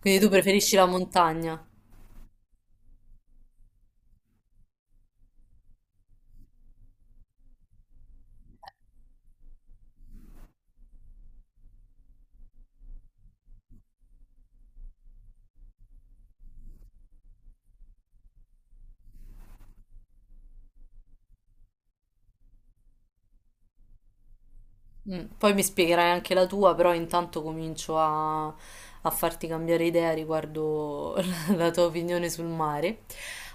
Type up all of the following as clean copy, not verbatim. Quindi tu preferisci la montagna. Mm, poi mi spiegherai anche la tua, però intanto comincio a farti cambiare idea riguardo la tua opinione sul mare.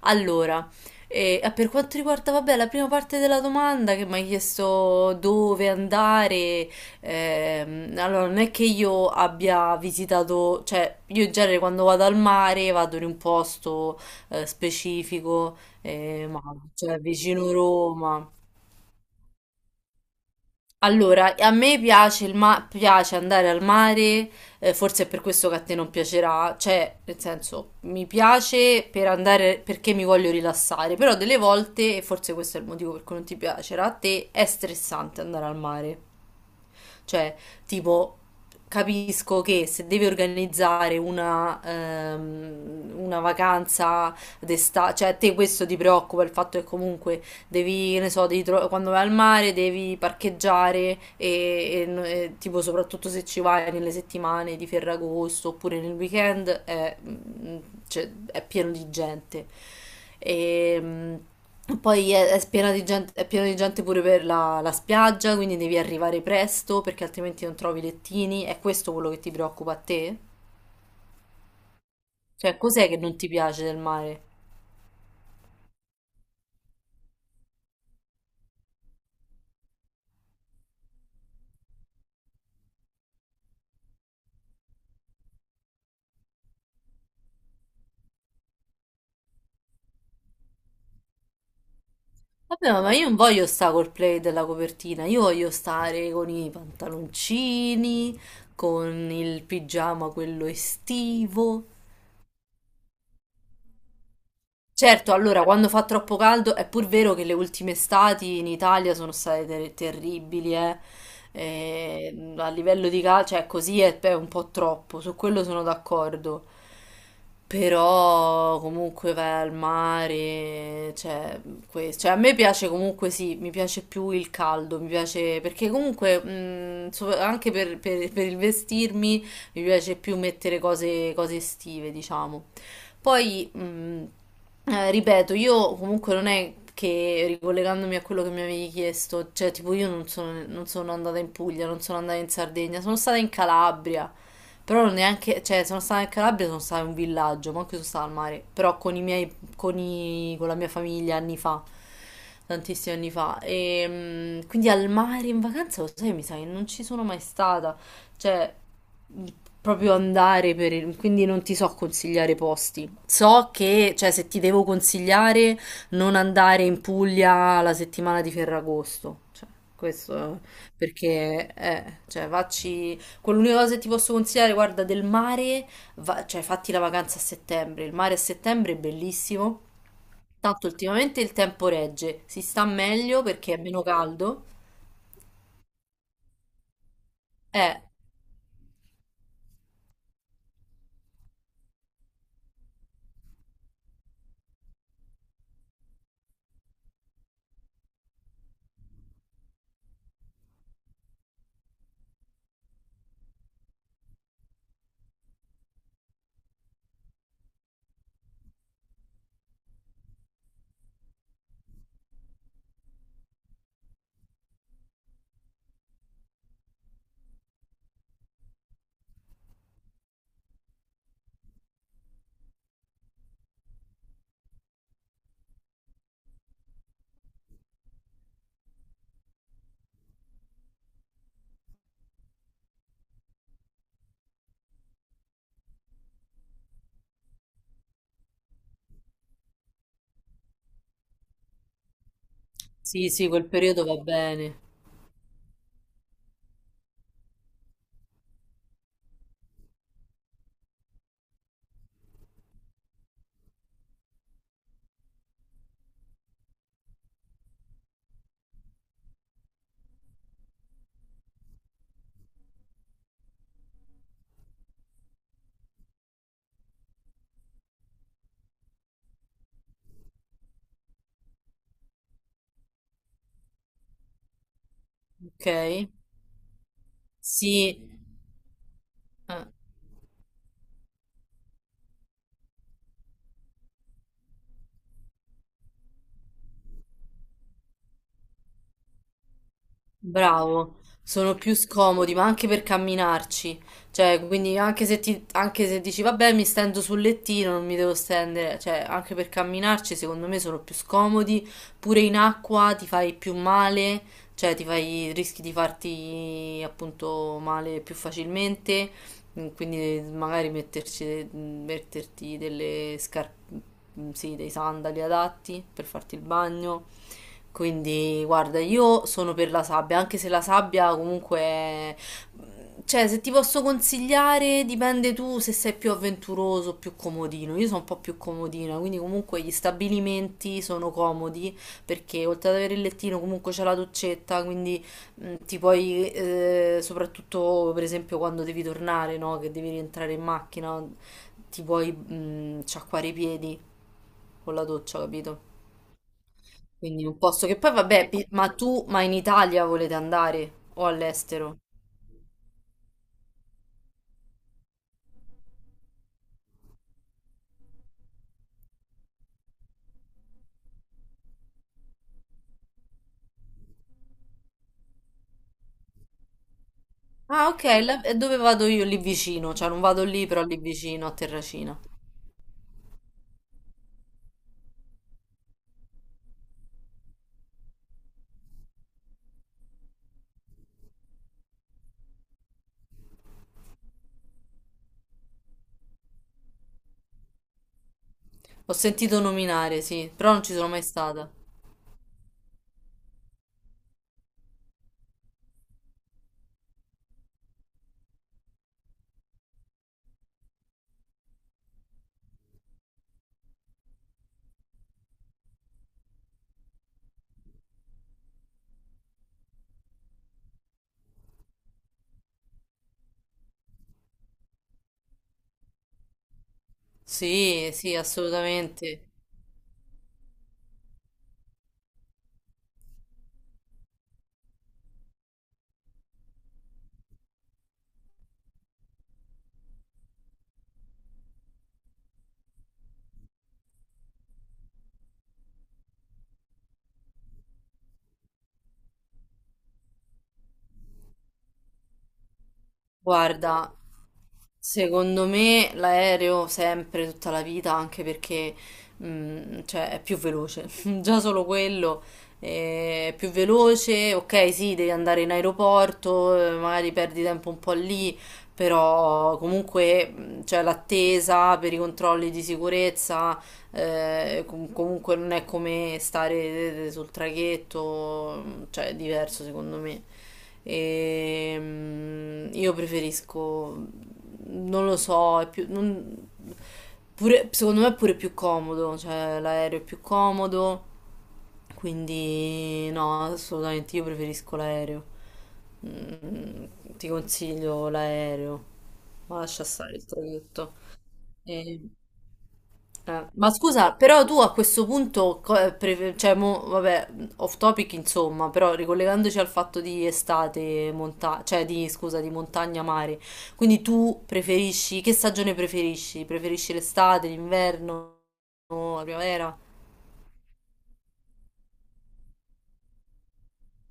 Allora, per quanto riguarda, vabbè, la prima parte della domanda che mi hai chiesto dove andare, allora non è che io abbia visitato, cioè io in genere quando vado al mare vado in un posto specifico, ma cioè vicino Roma. Allora, a me piace, piace andare al mare, forse è per questo che a te non piacerà, cioè, nel senso, mi piace per andare perché mi voglio rilassare, però delle volte, e forse questo è il motivo per cui non ti piacerà, a te è stressante andare al mare. Cioè, tipo, capisco che se devi organizzare una vacanza d'estate, cioè a te questo ti preoccupa, il fatto che comunque devi, che ne so, quando vai al mare devi parcheggiare e tipo soprattutto se ci vai nelle settimane di Ferragosto oppure nel weekend è cioè, è pieno di gente. E poi è piena di gente, è pieno di gente pure per la spiaggia, quindi devi arrivare presto perché altrimenti non trovi lettini. È questo quello che ti preoccupa a te? Cioè, cos'è che non ti piace del mare? Vabbè, ma io non voglio stare col play della copertina, io voglio stare con i pantaloncini, con il pigiama quello estivo. Certo, allora, quando fa troppo caldo, è pur vero che le ultime estati in Italia sono state terribili, eh. E, a livello di calcio, cioè così è un po' troppo, su quello sono d'accordo. Però comunque vai al mare, cioè, a me piace comunque sì, mi piace più il caldo, mi piace perché comunque anche per il vestirmi mi piace più mettere cose, cose estive, diciamo. Poi ripeto, io comunque non è che ricollegandomi a quello che mi avevi chiesto, cioè tipo io non sono, non sono andata in Puglia, non sono andata in Sardegna, sono stata in Calabria, però non neanche, cioè sono stata in Calabria, sono stata in un villaggio, ma anche sono stata al mare, però con i miei, con la mia famiglia anni fa, tantissimi anni fa, e quindi al mare in vacanza, lo sai, mi sa che non ci sono mai stata, cioè proprio andare quindi non ti so consigliare posti. So che, cioè, se ti devo consigliare, non andare in Puglia la settimana di Ferragosto. Cioè, questo è- perché, cioè, facci... Quell'unica cosa che ti posso consigliare, guarda, del mare, cioè, fatti la vacanza a settembre. Il mare a settembre è bellissimo. Tanto ultimamente il tempo regge, si sta meglio perché è meno caldo. Eh, sì, sì, quel periodo va bene. Ok? Sì. Eh. Bravo, sono più scomodi, ma anche per camminarci. Cioè, quindi anche se, ti, anche se dici, vabbè, mi stendo sul lettino, non mi devo stendere, cioè, anche per camminarci, secondo me sono più scomodi. Pure in acqua ti fai più male, cioè ti fai, rischi di farti appunto male più facilmente. Mm, quindi magari metterci, metterti delle scarpe, sì, dei sandali adatti per farti il bagno. Quindi, guarda, io sono per la sabbia, anche se la sabbia comunque... Cioè, se ti posso consigliare, dipende tu se sei più avventuroso o più comodino. Io sono un po' più comodina, quindi comunque gli stabilimenti sono comodi perché oltre ad avere il lettino comunque c'è la doccetta, quindi ti puoi, soprattutto per esempio quando devi tornare, no? Che devi rientrare in macchina, ti puoi sciacquare i piedi con la doccia, capito? Quindi un posto che poi vabbè, ma tu, ma in Italia volete andare o all'estero? Ah, ok, e dove vado io? Lì vicino, cioè non vado lì, però lì vicino a Terracina. Ho sentito nominare, sì, però non ci sono mai stata. Sì, sì, assolutamente. Guarda, secondo me l'aereo sempre, tutta la vita, anche perché cioè, è più veloce, già solo quello è più veloce, ok sì, devi andare in aeroporto, magari perdi tempo un po' lì, però comunque c'è l'attesa per i controlli di sicurezza, comunque non è come stare sul traghetto, cioè è diverso secondo me. E, io preferisco, non lo so, è più, non- secondo me è pure più comodo, cioè l'aereo è più comodo, quindi no, assolutamente io preferisco l'aereo. Mm, ti consiglio l'aereo, ma lascia stare il traghetto. E- Ma scusa, però tu a questo punto, cioè, mo, vabbè, off topic insomma, però ricollegandoci al fatto di estate, cioè di, scusa, di montagna, mare, quindi tu preferisci, che stagione preferisci? Preferisci l'estate, l'inverno, la primavera?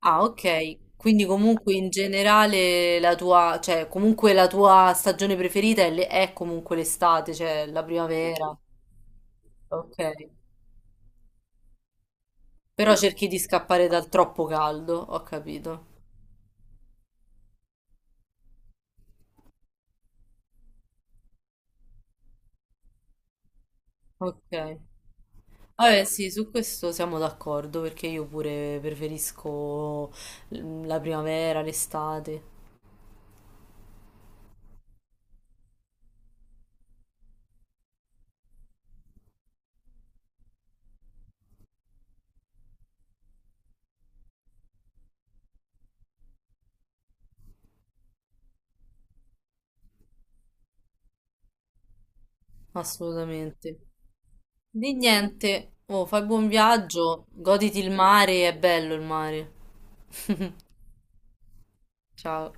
Ah, ok, quindi comunque in generale la tua, cioè comunque la tua stagione preferita è comunque l'estate, cioè la primavera, ok, però cerchi di scappare dal troppo caldo, ho capito. Ok. Vabbè, sì, su questo siamo d'accordo perché io pure preferisco la primavera, l'estate, assolutamente. Di niente, oh, fai buon viaggio, goditi il mare, è bello il mare. Ciao.